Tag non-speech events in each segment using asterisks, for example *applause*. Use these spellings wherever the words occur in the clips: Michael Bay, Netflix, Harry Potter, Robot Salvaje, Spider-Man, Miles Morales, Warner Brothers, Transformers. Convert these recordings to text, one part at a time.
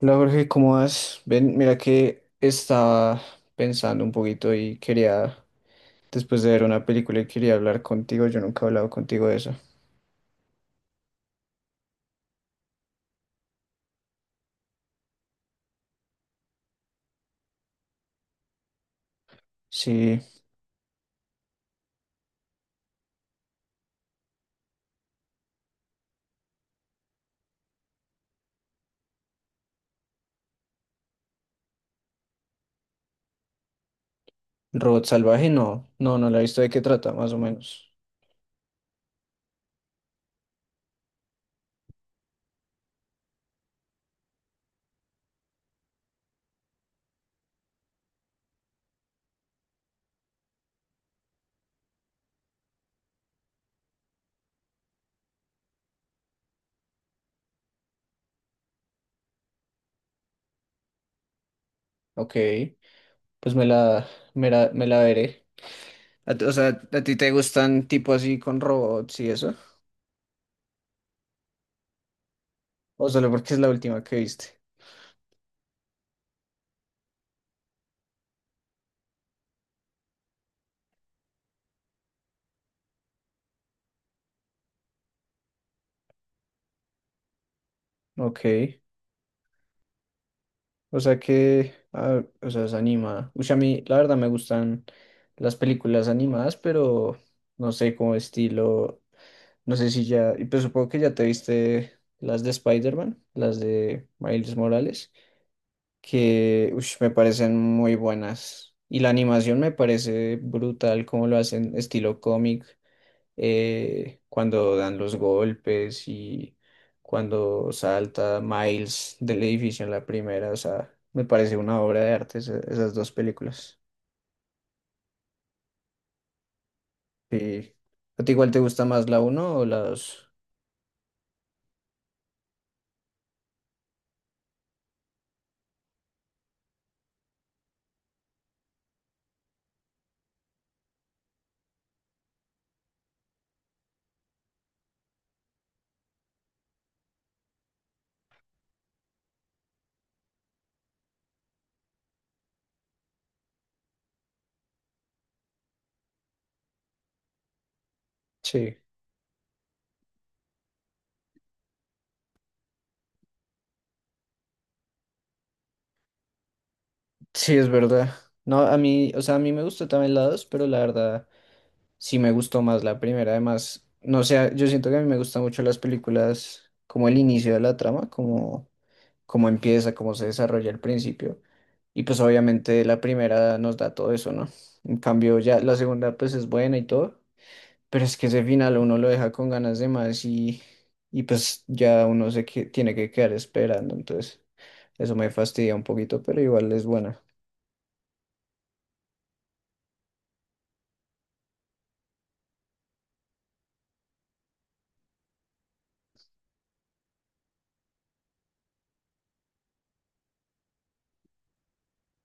Hola Jorge, ¿cómo vas? Ven, mira que estaba pensando un poquito y quería, después de ver una película y quería hablar contigo, yo nunca he hablado contigo de eso. Sí, Robot Salvaje, no, no, no la he visto de qué trata, más o menos. Ok, pues me la veré. O sea, ¿a ti te gustan tipo así con robots y eso? ¿O solo porque es la última que viste? Ok. O sea que, ah, o sea, es animada. Uy, a mí, la verdad, me gustan las películas animadas, pero no sé cómo estilo. No sé si ya. Y pues supongo que ya te viste las de Spider-Man, las de Miles Morales, que uy, me parecen muy buenas. Y la animación me parece brutal, como lo hacen estilo cómic, cuando dan los golpes y cuando salta Miles del edificio en la primera, o sea, me parece una obra de arte esas dos películas. Sí. ¿A ti igual te gusta más la uno o la 2? Sí, sí, es verdad. No, a mí, o sea, a mí me gustó también la dos, pero la verdad sí me gustó más la primera. Además, no sé, yo siento que a mí me gustan mucho las películas como el inicio de la trama, como cómo empieza, cómo se desarrolla el principio. Y pues obviamente la primera nos da todo eso, ¿no? En cambio ya la segunda pues es buena y todo, pero es que ese final uno lo deja con ganas de más, y pues ya uno se que, tiene que quedar esperando, entonces eso me fastidia un poquito, pero igual es buena.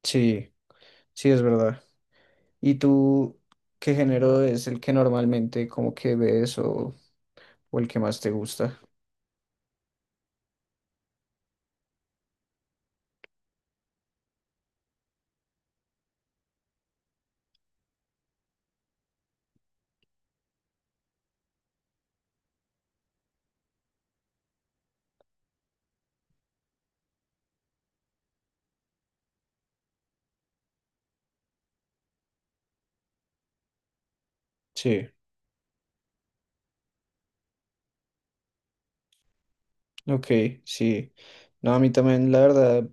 Sí, sí es verdad. ¿Y tú qué género es el que normalmente como que ves, o el que más te gusta? Sí. Ok, sí. No, a mí también, la verdad,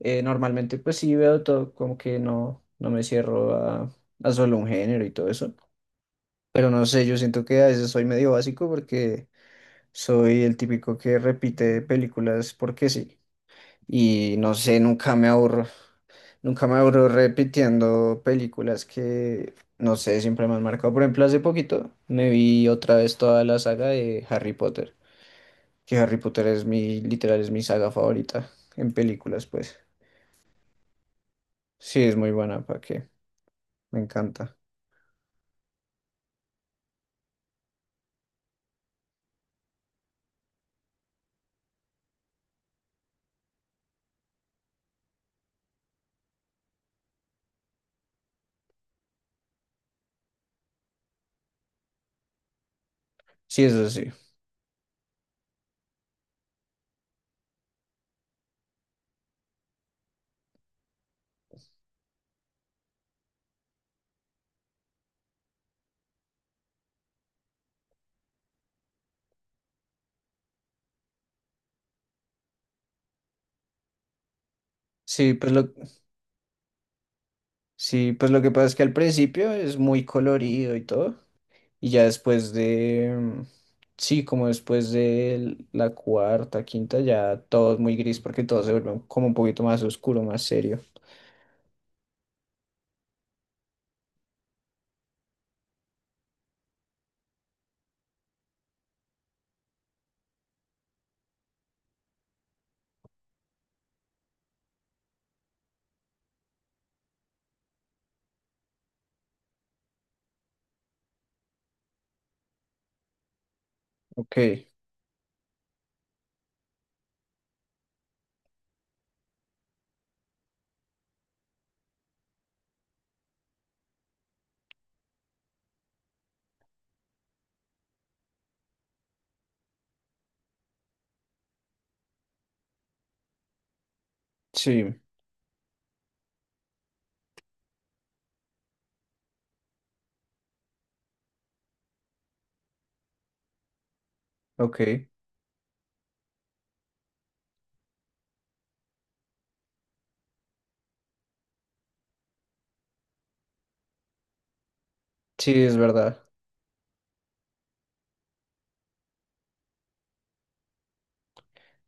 normalmente pues sí veo todo, como que no, no me cierro a solo un género y todo eso. Pero no sé, yo siento que a veces soy medio básico porque soy el típico que repite películas porque sí. Y no sé, nunca me aburro. Nunca me aburro repitiendo películas que, no sé, siempre me han marcado. Por ejemplo, hace poquito me vi otra vez toda la saga de Harry Potter, que Harry Potter es mi, literal, es mi saga favorita en películas, pues. Sí, es muy buena, ¿para qué? Me encanta. Sí, eso sí. Sí, pues lo, sí, pues lo que pasa es que al principio es muy colorido y todo, y ya después de, sí, como después de la cuarta, quinta, ya todo es muy gris porque todo se vuelve como un poquito más oscuro, más serio. Ok, sí, ok, sí, es verdad.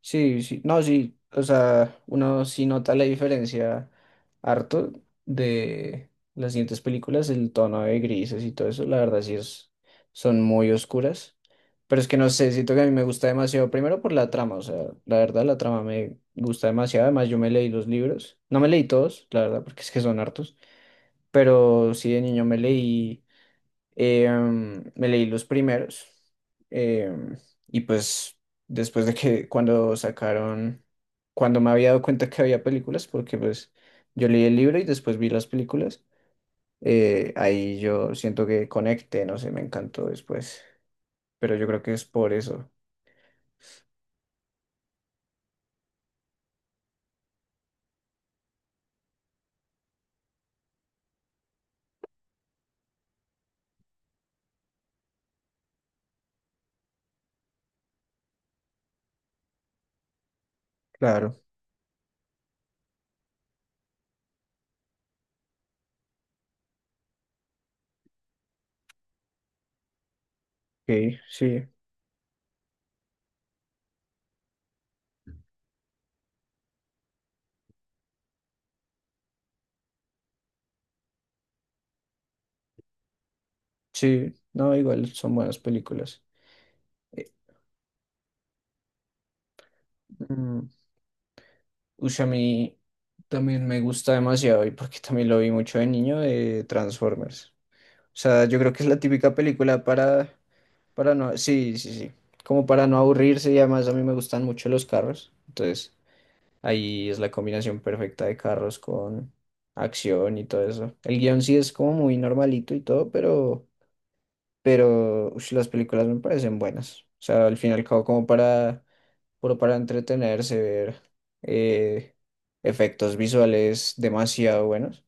Sí, sí, no, sí, o sea, uno sí nota la diferencia harto de las siguientes películas, el tono de grises y todo eso, la verdad sí es, son muy oscuras, pero es que no sé, siento que a mí me gusta demasiado, primero por la trama, o sea, la verdad la trama me gusta demasiado, además yo me leí los libros, no me leí todos, la verdad, porque es que son hartos, pero sí de niño me leí los primeros, em, y pues después de que cuando sacaron, cuando me había dado cuenta que había películas, porque pues yo leí el libro y después vi las películas, ahí yo siento que conecté, no sé, me encantó después, pero yo creo que es por eso, claro, sí, sí, sí, no, igual son buenas películas. Eh, mm, ush, a mí también me gusta demasiado y porque también lo vi mucho de niño de Transformers. O sea, yo creo que es la típica película para no, sí, sí, sí, como para no aburrirse y además a mí me gustan mucho los carros. Entonces, ahí es la combinación perfecta de carros con acción y todo eso. El guión sí es como muy normalito y todo, pero ush, las películas me parecen buenas. O sea, al fin y al cabo como para, puro para entretenerse, ver, eh, efectos visuales demasiado buenos.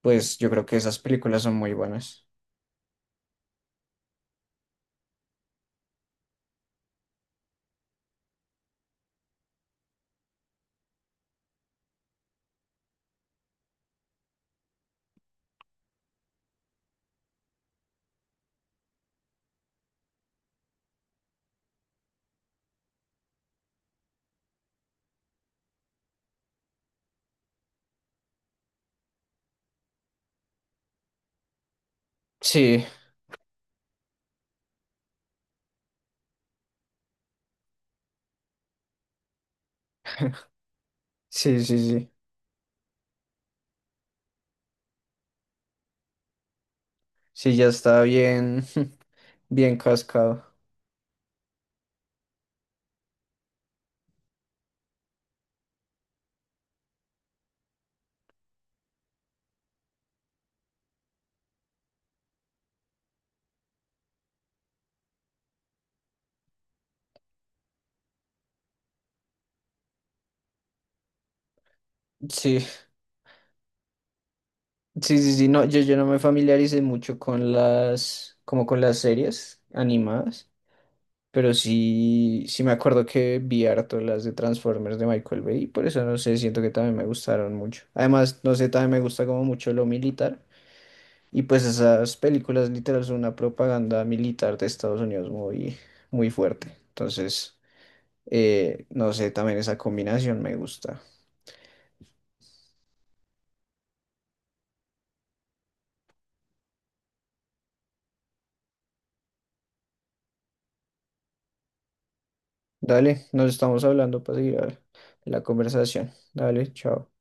Pues yo creo que esas películas son muy buenas. Sí, sí, sí, sí. Sí, ya está bien, *laughs* bien cascado. Sí, sí, sí, sí, no, yo no me familiaricé mucho con las, como con las series animadas, pero sí, sí me acuerdo que vi harto las de Transformers de Michael Bay, y por eso no sé, siento que también me gustaron mucho. Además, no sé, también me gusta como mucho lo militar, y pues esas películas literal son una propaganda militar de Estados Unidos muy, muy fuerte. Entonces, no sé, también esa combinación me gusta. Dale, nos estamos hablando para seguir la conversación. Dale, chao.